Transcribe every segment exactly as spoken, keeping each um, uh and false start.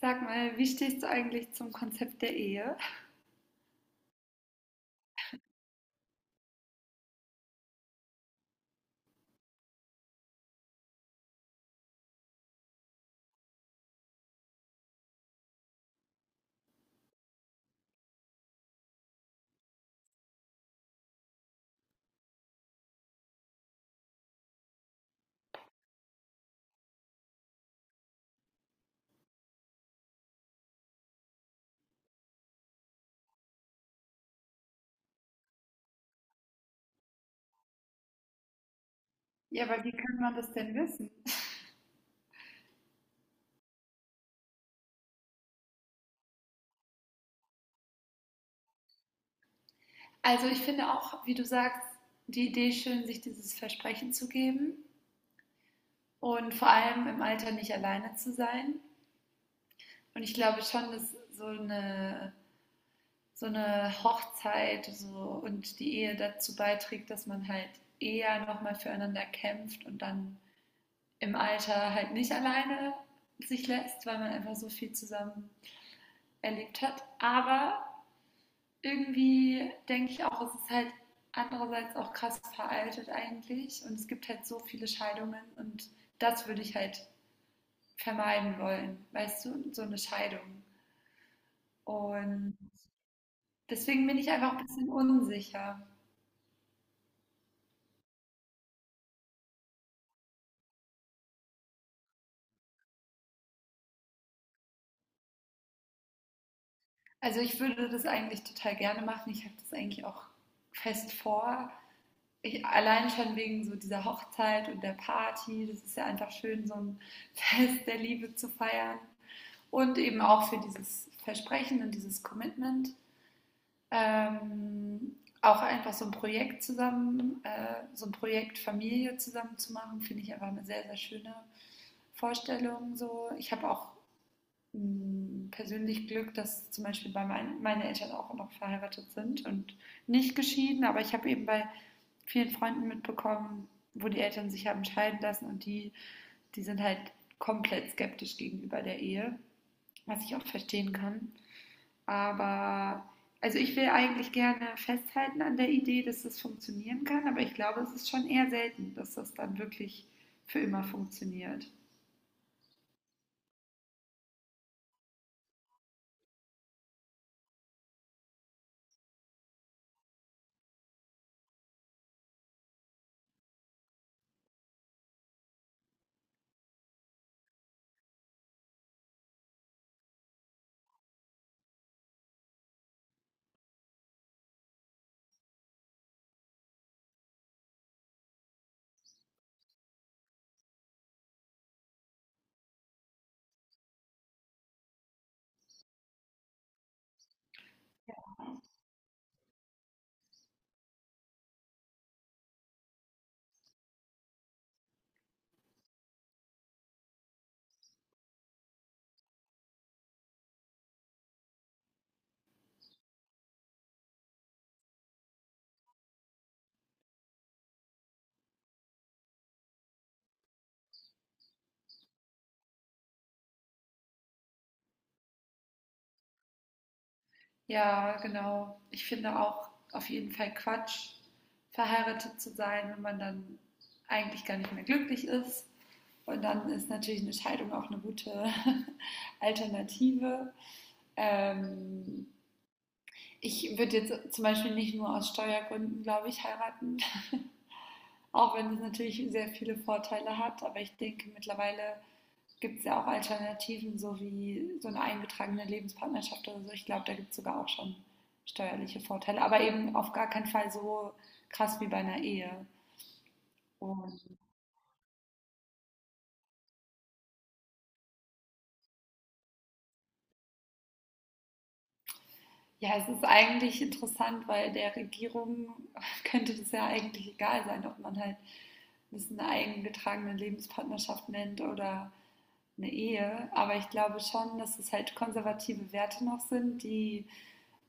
Sag mal, wie stehst du eigentlich zum Konzept der Ehe? Ja, aber wie kann man das denn wissen? Also ich finde auch, wie du sagst, die Idee schön, sich dieses Versprechen zu geben und vor allem im Alter nicht alleine zu sein. Und ich glaube schon, dass so eine, so eine Hochzeit so und die Ehe dazu beiträgt, dass man halt eher nochmal füreinander kämpft und dann im Alter halt nicht alleine sich lässt, weil man einfach so viel zusammen erlebt hat. Aber irgendwie denke ich auch, es ist halt andererseits auch krass veraltet eigentlich, und es gibt halt so viele Scheidungen, und das würde ich halt vermeiden wollen, weißt du, so eine Scheidung. Und deswegen bin ich einfach ein bisschen unsicher. Also ich würde das eigentlich total gerne machen. Ich habe das eigentlich auch fest vor. Ich, allein schon wegen so dieser Hochzeit und der Party. Das ist ja einfach schön, so ein Fest der Liebe zu feiern, und eben auch für dieses Versprechen und dieses Commitment. Ähm, Auch einfach so ein Projekt zusammen, äh, so ein Projekt Familie zusammen zu machen, finde ich einfach eine sehr, sehr schöne Vorstellung. So. Ich habe auch, mh, persönlich Glück, dass zum Beispiel bei mein, meine Eltern auch noch verheiratet sind und nicht geschieden, aber ich habe eben bei vielen Freunden mitbekommen, wo die Eltern sich haben scheiden lassen, und die, die sind halt komplett skeptisch gegenüber der Ehe, was ich auch verstehen kann. Aber also ich will eigentlich gerne festhalten an der Idee, dass das funktionieren kann, aber ich glaube, es ist schon eher selten, dass das dann wirklich für immer funktioniert. Ja, genau. Ich finde auch auf jeden Fall Quatsch, verheiratet zu sein, wenn man dann eigentlich gar nicht mehr glücklich ist. Und dann ist natürlich eine Scheidung auch eine gute Alternative. Ähm, Ich würde jetzt zum Beispiel nicht nur aus Steuergründen, glaube ich, heiraten, auch wenn es natürlich sehr viele Vorteile hat. Aber ich denke, mittlerweile gibt es ja auch Alternativen, so wie so eine eingetragene Lebenspartnerschaft oder so. Ich glaube, da gibt es sogar auch schon steuerliche Vorteile, aber eben auf gar keinen Fall so krass wie bei einer Ehe. Und ja, es ist eigentlich interessant, weil der Regierung könnte es ja eigentlich egal sein, ob man halt das eine eingetragene Lebenspartnerschaft nennt oder eine Ehe. Aber ich glaube schon, dass es halt konservative Werte noch sind, die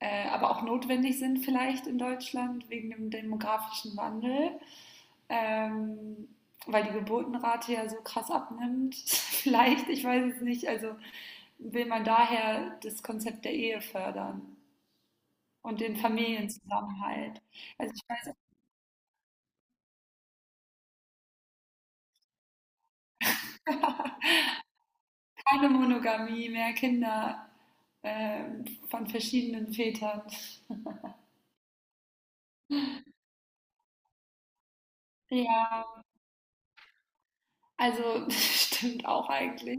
äh, aber auch notwendig sind vielleicht in Deutschland wegen dem demografischen Wandel, ähm, weil die Geburtenrate ja so krass abnimmt. Vielleicht, ich weiß es nicht. Also will man daher das Konzept der Ehe fördern, und den Familienzusammenhalt? Also ich weiß, keine Monogamie, mehr Kinder, ähm, von verschiedenen Vätern. Ja, also stimmt auch eigentlich.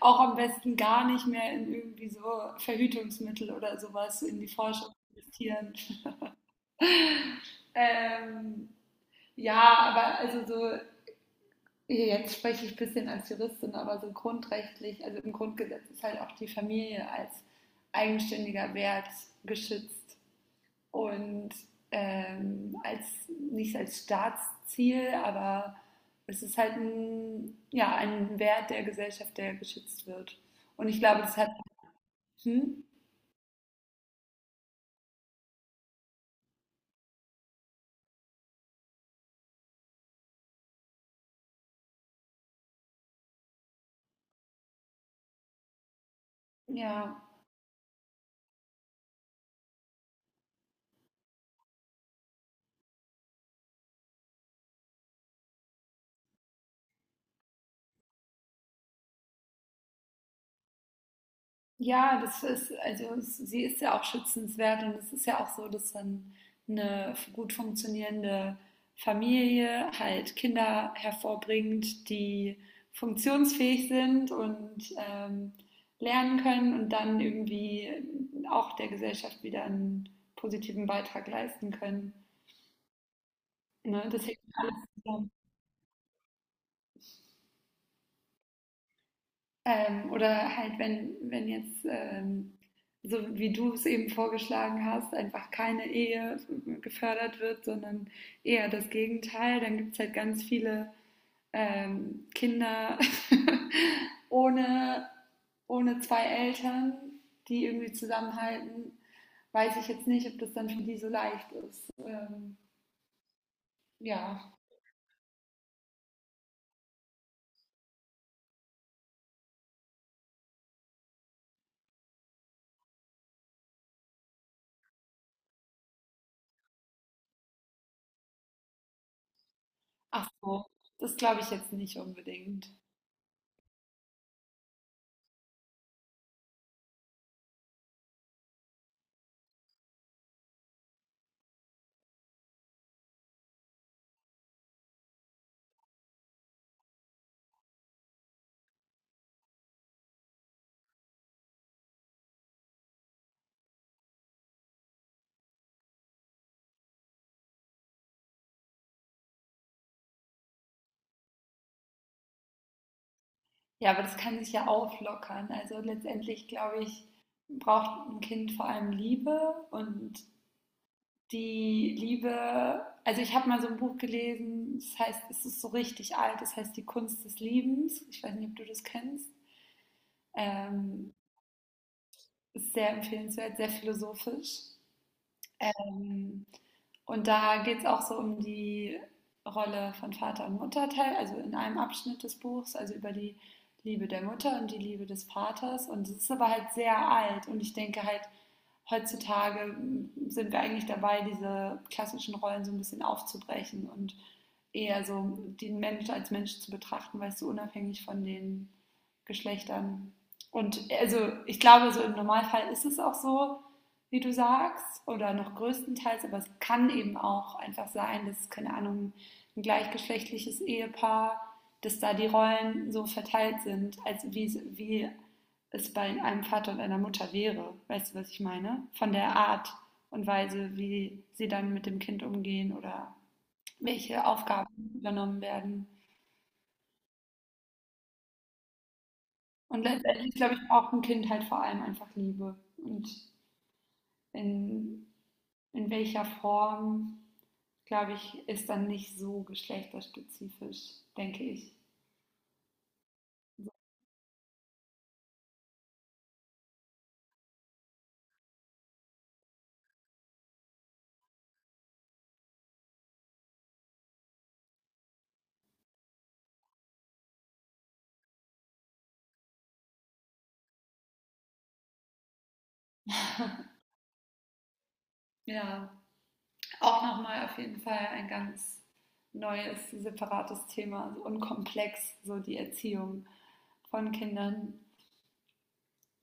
Auch am besten gar nicht mehr in irgendwie so Verhütungsmittel oder sowas in die Forschung investieren. Ähm, ja, aber also so, jetzt spreche ich ein bisschen als Juristin, aber so grundrechtlich, also im Grundgesetz ist halt auch die Familie als eigenständiger Wert geschützt. Und ähm, als, nicht als Staatsziel, aber es ist halt ein, ja, ein Wert der Gesellschaft, der geschützt wird. Und ich glaube, das hat, hm, ja. Ja, das ist, also es- sie ist ja auch schützenswert, und es ist ja auch so, dass dann eine gut funktionierende Familie halt Kinder hervorbringt, die funktionsfähig sind, und ähm, lernen können und dann irgendwie auch der Gesellschaft wieder einen positiven Beitrag leisten können. Ne? Das hängt alles zusammen. Ähm, oder halt, wenn, wenn jetzt, ähm, so wie du es eben vorgeschlagen hast, einfach keine Ehe gefördert wird, sondern eher das Gegenteil, dann gibt es halt ganz viele ähm, Kinder ohne, ohne zwei Eltern, die irgendwie zusammenhalten. Weiß ich jetzt nicht, ob das dann für die so leicht ist. Ähm, ja. Ach so, das glaube ich jetzt nicht unbedingt. Ja, aber das kann sich ja auflockern. Also letztendlich, glaube ich, braucht ein Kind vor allem Liebe und die Liebe. Also ich habe mal so ein Buch gelesen, das heißt, es ist so richtig alt, das heißt Die Kunst des Liebens. Ich weiß nicht, ob du das kennst. Ähm, Ist sehr empfehlenswert, sehr philosophisch. Ähm, und da geht es auch so um die Rolle von Vater und Mutter, teil- also in einem Abschnitt des Buchs, also über die Liebe der Mutter und die Liebe des Vaters. Und es ist aber halt sehr alt. Und ich denke halt, heutzutage mm, sind wir eigentlich dabei, diese klassischen Rollen so ein bisschen aufzubrechen und eher so den Menschen als Mensch zu betrachten, weißt du, unabhängig von den Geschlechtern. Und also ich glaube, so im Normalfall ist es auch so, wie du sagst, oder noch größtenteils, aber es kann eben auch einfach sein, dass, keine Ahnung, ein gleichgeschlechtliches Ehepaar, dass da die Rollen so verteilt sind, als wie, wie es bei einem Vater und einer Mutter wäre. Weißt du, was ich meine? Von der Art und Weise, wie sie dann mit dem Kind umgehen oder welche Aufgaben übernommen werden. Und letztendlich, glaube ich, braucht ein Kind halt vor allem einfach Liebe. Und in, in welcher Form, glaube ich, ist dann nicht so geschlechterspezifisch, denke ich. Ja, auch nochmal auf jeden Fall ein ganz neues, separates Thema und komplex, so die Erziehung von Kindern.